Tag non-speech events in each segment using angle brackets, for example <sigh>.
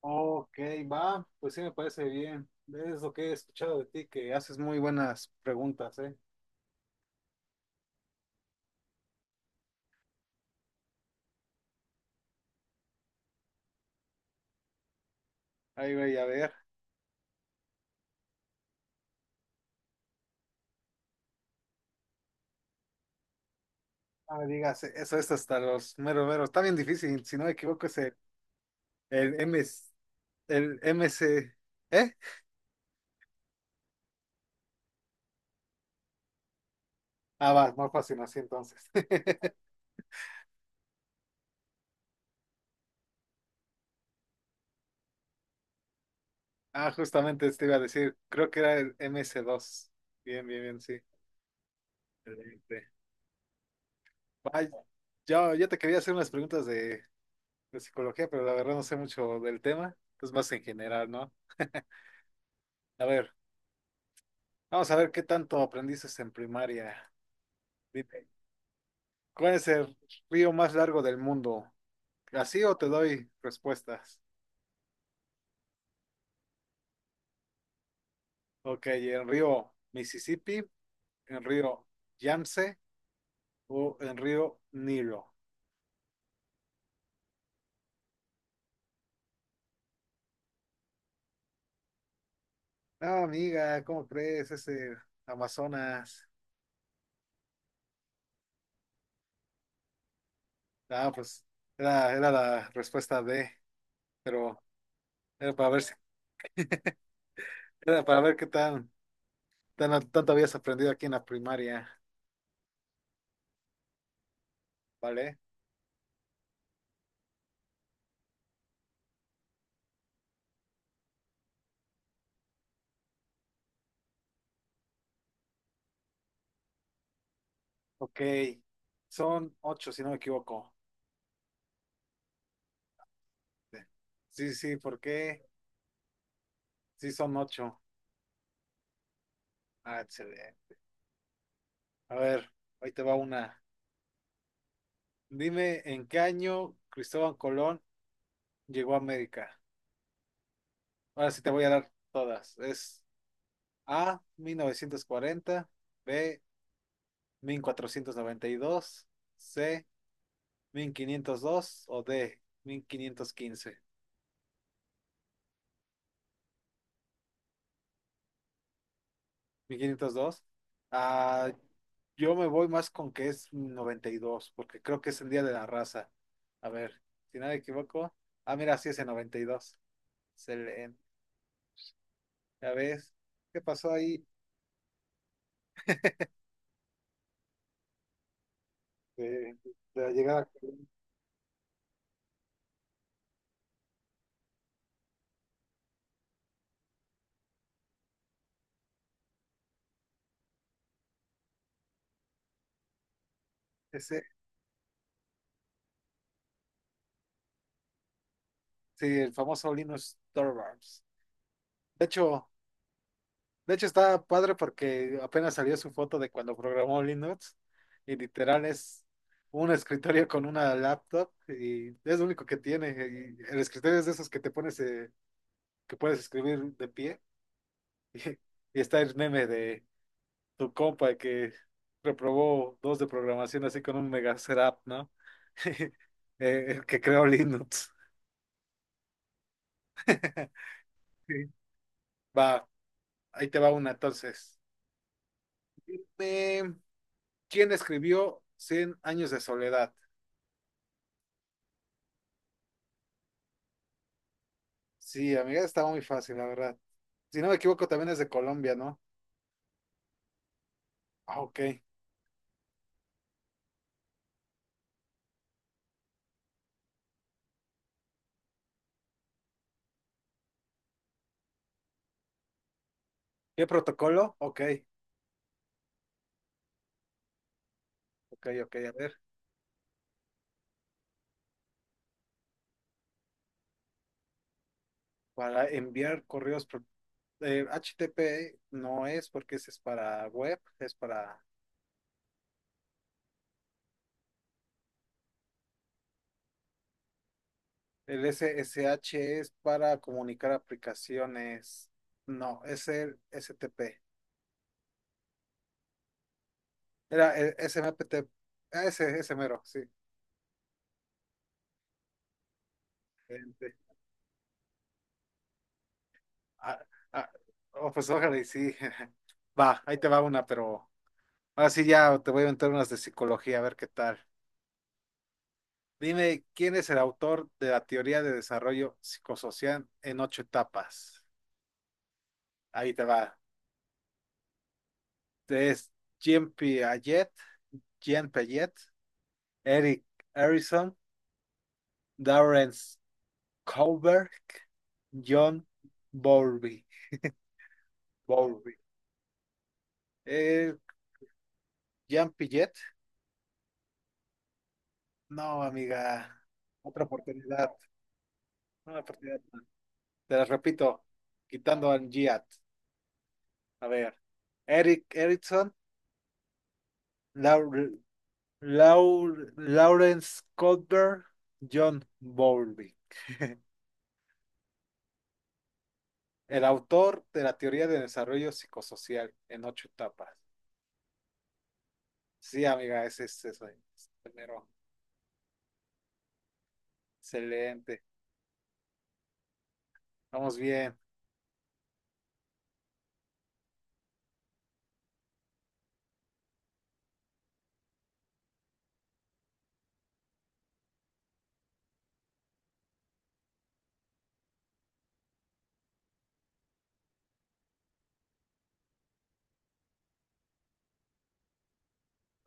Ok, va, pues sí me parece bien. Es lo que he escuchado de ti, que haces muy buenas preguntas, ¿eh? Ahí voy a ver. Ah, me digas, eso es hasta los meros meros. Está bien difícil, si no me equivoco es el M, S, el M C, ¿eh? Ah, va, más fácil así entonces. <laughs> Ah, justamente te iba a decir, creo que era el M C dos. Bien, bien, bien, sí. Excelente. Vaya, yo te quería hacer unas preguntas de psicología, pero la verdad no sé mucho del tema, es más en general, ¿no? A ver. Vamos a ver qué tanto aprendiste en primaria. Dime, ¿cuál es el río más largo del mundo? ¿Así o te doy respuestas? Ok, ¿el río Mississippi, el río Yamse o el río Nilo? No, amiga, ¿cómo crees? Ese Amazonas. Ah, pues era la respuesta D, pero era para ver si, era para ver qué tan tanto habías aprendido aquí en la primaria, ¿vale? Ok, son ocho, si no me equivoco. Sí, sí, ¿por qué? Sí, son ocho. Ah, excelente. A ver, ahí te va una. Dime en qué año Cristóbal Colón llegó a América. Ahora sí te voy a dar todas. Es A, mil novecientos cuarenta, B, mil cuatrocientos noventa y dos, C, 1502 o D, mil quinientos quince. Mil quinientos dos. Ah, yo me voy más con que es 92 porque creo que es el Día de la Raza. A ver, si no me equivoco. Ah, mira, sí es el noventa y dos. Excelente. Ya ves, ¿qué pasó ahí? De, de la llegada. Ese, sí, el famoso Linus Torvalds. De hecho, De hecho, está padre porque apenas salió su foto de cuando programó Linux y literal es un escritorio con una laptop y es lo único que tiene. Y el escritorio es de esos que te pones, que puedes escribir de pie. <laughs> Y está el meme de tu compa que reprobó dos de programación así con un mega setup, ¿no? <laughs> El que creó Linux. <laughs> Sí. Va, ahí te va una entonces. Eh, ¿Quién escribió Cien años de soledad? Sí, amiga, estaba muy fácil, la verdad. Si no me equivoco, también es de Colombia, ¿no? Ah, ok. ¿Qué protocolo? Ok, ok, ok. A ver, para enviar correos, HTTP no es porque ese es para web, es para... El SSH es para comunicar aplicaciones. No, es el S T P. Era el S M P T. Ah, ese mero, sí. Este, ah, ah, oh, pues ojalá y sí. <laughs> Va, ahí te va una, pero ahora sí ya te voy a inventar unas de psicología, a ver qué tal. Dime, ¿quién es el autor de la teoría de desarrollo psicosocial en ocho etapas? Ahí te va. Es Jean Piaget, Jean Piaget, Eric Erickson, Darren Kohlberg, John Bowlby. Bowlby. Eh, Jean Piaget. No, amiga. Otra oportunidad. Una oportunidad más. Te las repito, quitando al Giat. A ver. Eric Erickson. Laur Lawrence Kohlberg, John Bowlby, <laughs> el autor de la teoría de desarrollo psicosocial en ocho etapas. Sí, amiga, ese es eso. Excelente. Vamos bien.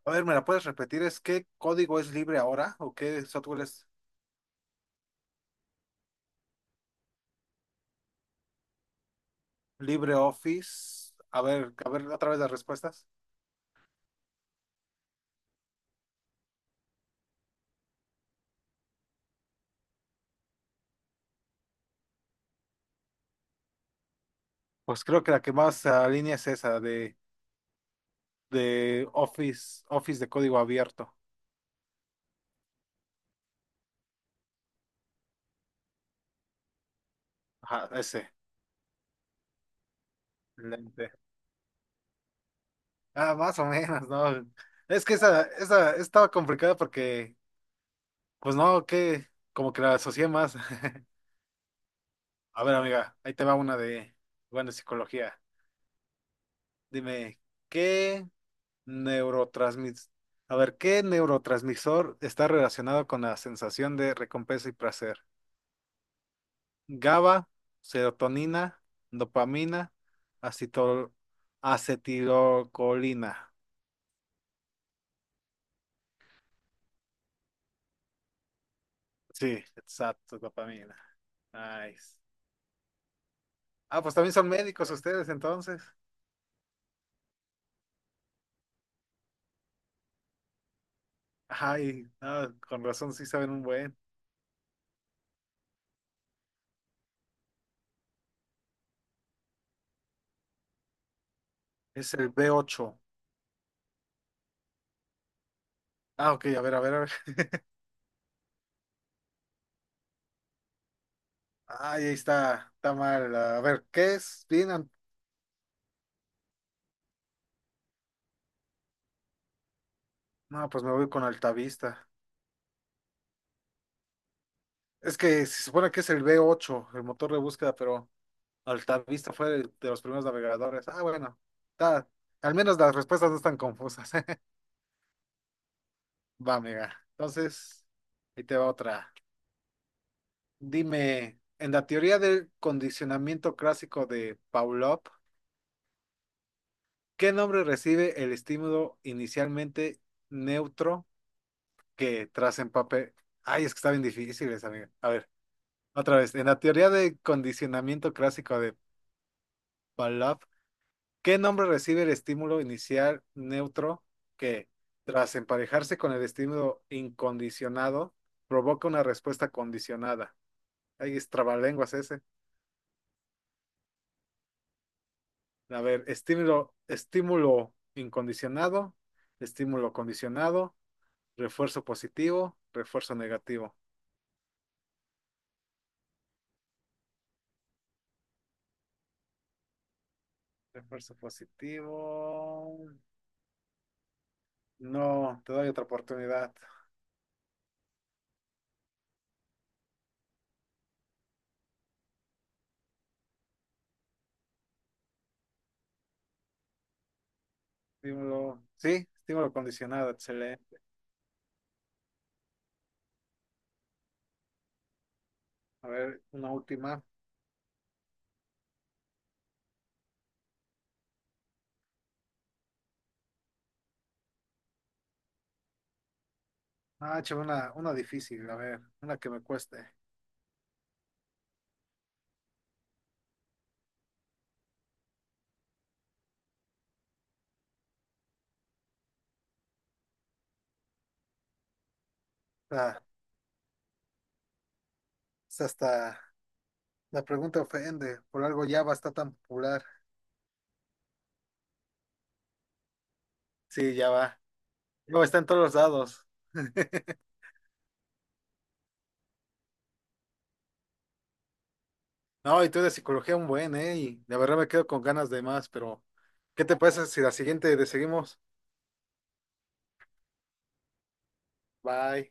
A ver, ¿me la puedes repetir? ¿Es qué código es libre ahora? ¿O qué software es libre Office? A ver otra vez las respuestas. Pues creo que la que más se alinea es esa de Office, Office de código abierto. Ajá, ese. Ah, más o menos, ¿no? Es que esa estaba complicada porque, pues no, que como que la asocié más. <laughs> A ver, amiga, ahí te va una de, bueno, psicología. Dime, ¿qué neurotransmis... A ver, ¿qué neurotransmisor está relacionado con la sensación de recompensa y placer? GABA, serotonina, dopamina, acetol... acetilocolina. Sí, exacto, dopamina. Nice. Ah, pues también son médicos ustedes entonces. Ay, ah, con razón sí saben un buen. Es el b ocho. Ah, ok, a ver, a ver, a ver. Ay, ahí está, está mal. A ver, ¿qué es? Bien, no, pues me voy con Altavista. Es que se supone que es el b ocho, el motor de búsqueda, pero Altavista fue de los primeros navegadores. Ah, bueno, está, al menos las respuestas no están confusas. <laughs> Va, amiga. Entonces, ahí te va otra. Dime, en la teoría del condicionamiento clásico de Pavlov, ¿qué nombre recibe el estímulo inicialmente neutro que tras empape? Ay, es que está bien difícil esa, amiga. A ver, otra vez. En la teoría de condicionamiento clásico de Pavlov, ¿qué nombre recibe el estímulo inicial neutro que tras emparejarse con el estímulo incondicionado provoca una respuesta condicionada? Ay, es trabalenguas ese. A ver, estímulo incondicionado, estímulo condicionado, refuerzo positivo, refuerzo negativo. Refuerzo positivo. No, te doy otra oportunidad. Estímulo. Sí, estímulo condicionado, excelente. A ver, una última. Ah, che, una difícil, a ver, una que me cueste. Ah, es hasta la pregunta ofende. Por algo Java está tan popular. Sí, Java. Java está en todos los lados. <laughs> No, y tú de psicología un buen, ¿eh? Y la verdad me quedo con ganas de más, pero ¿qué te parece si la siguiente le seguimos? Bye.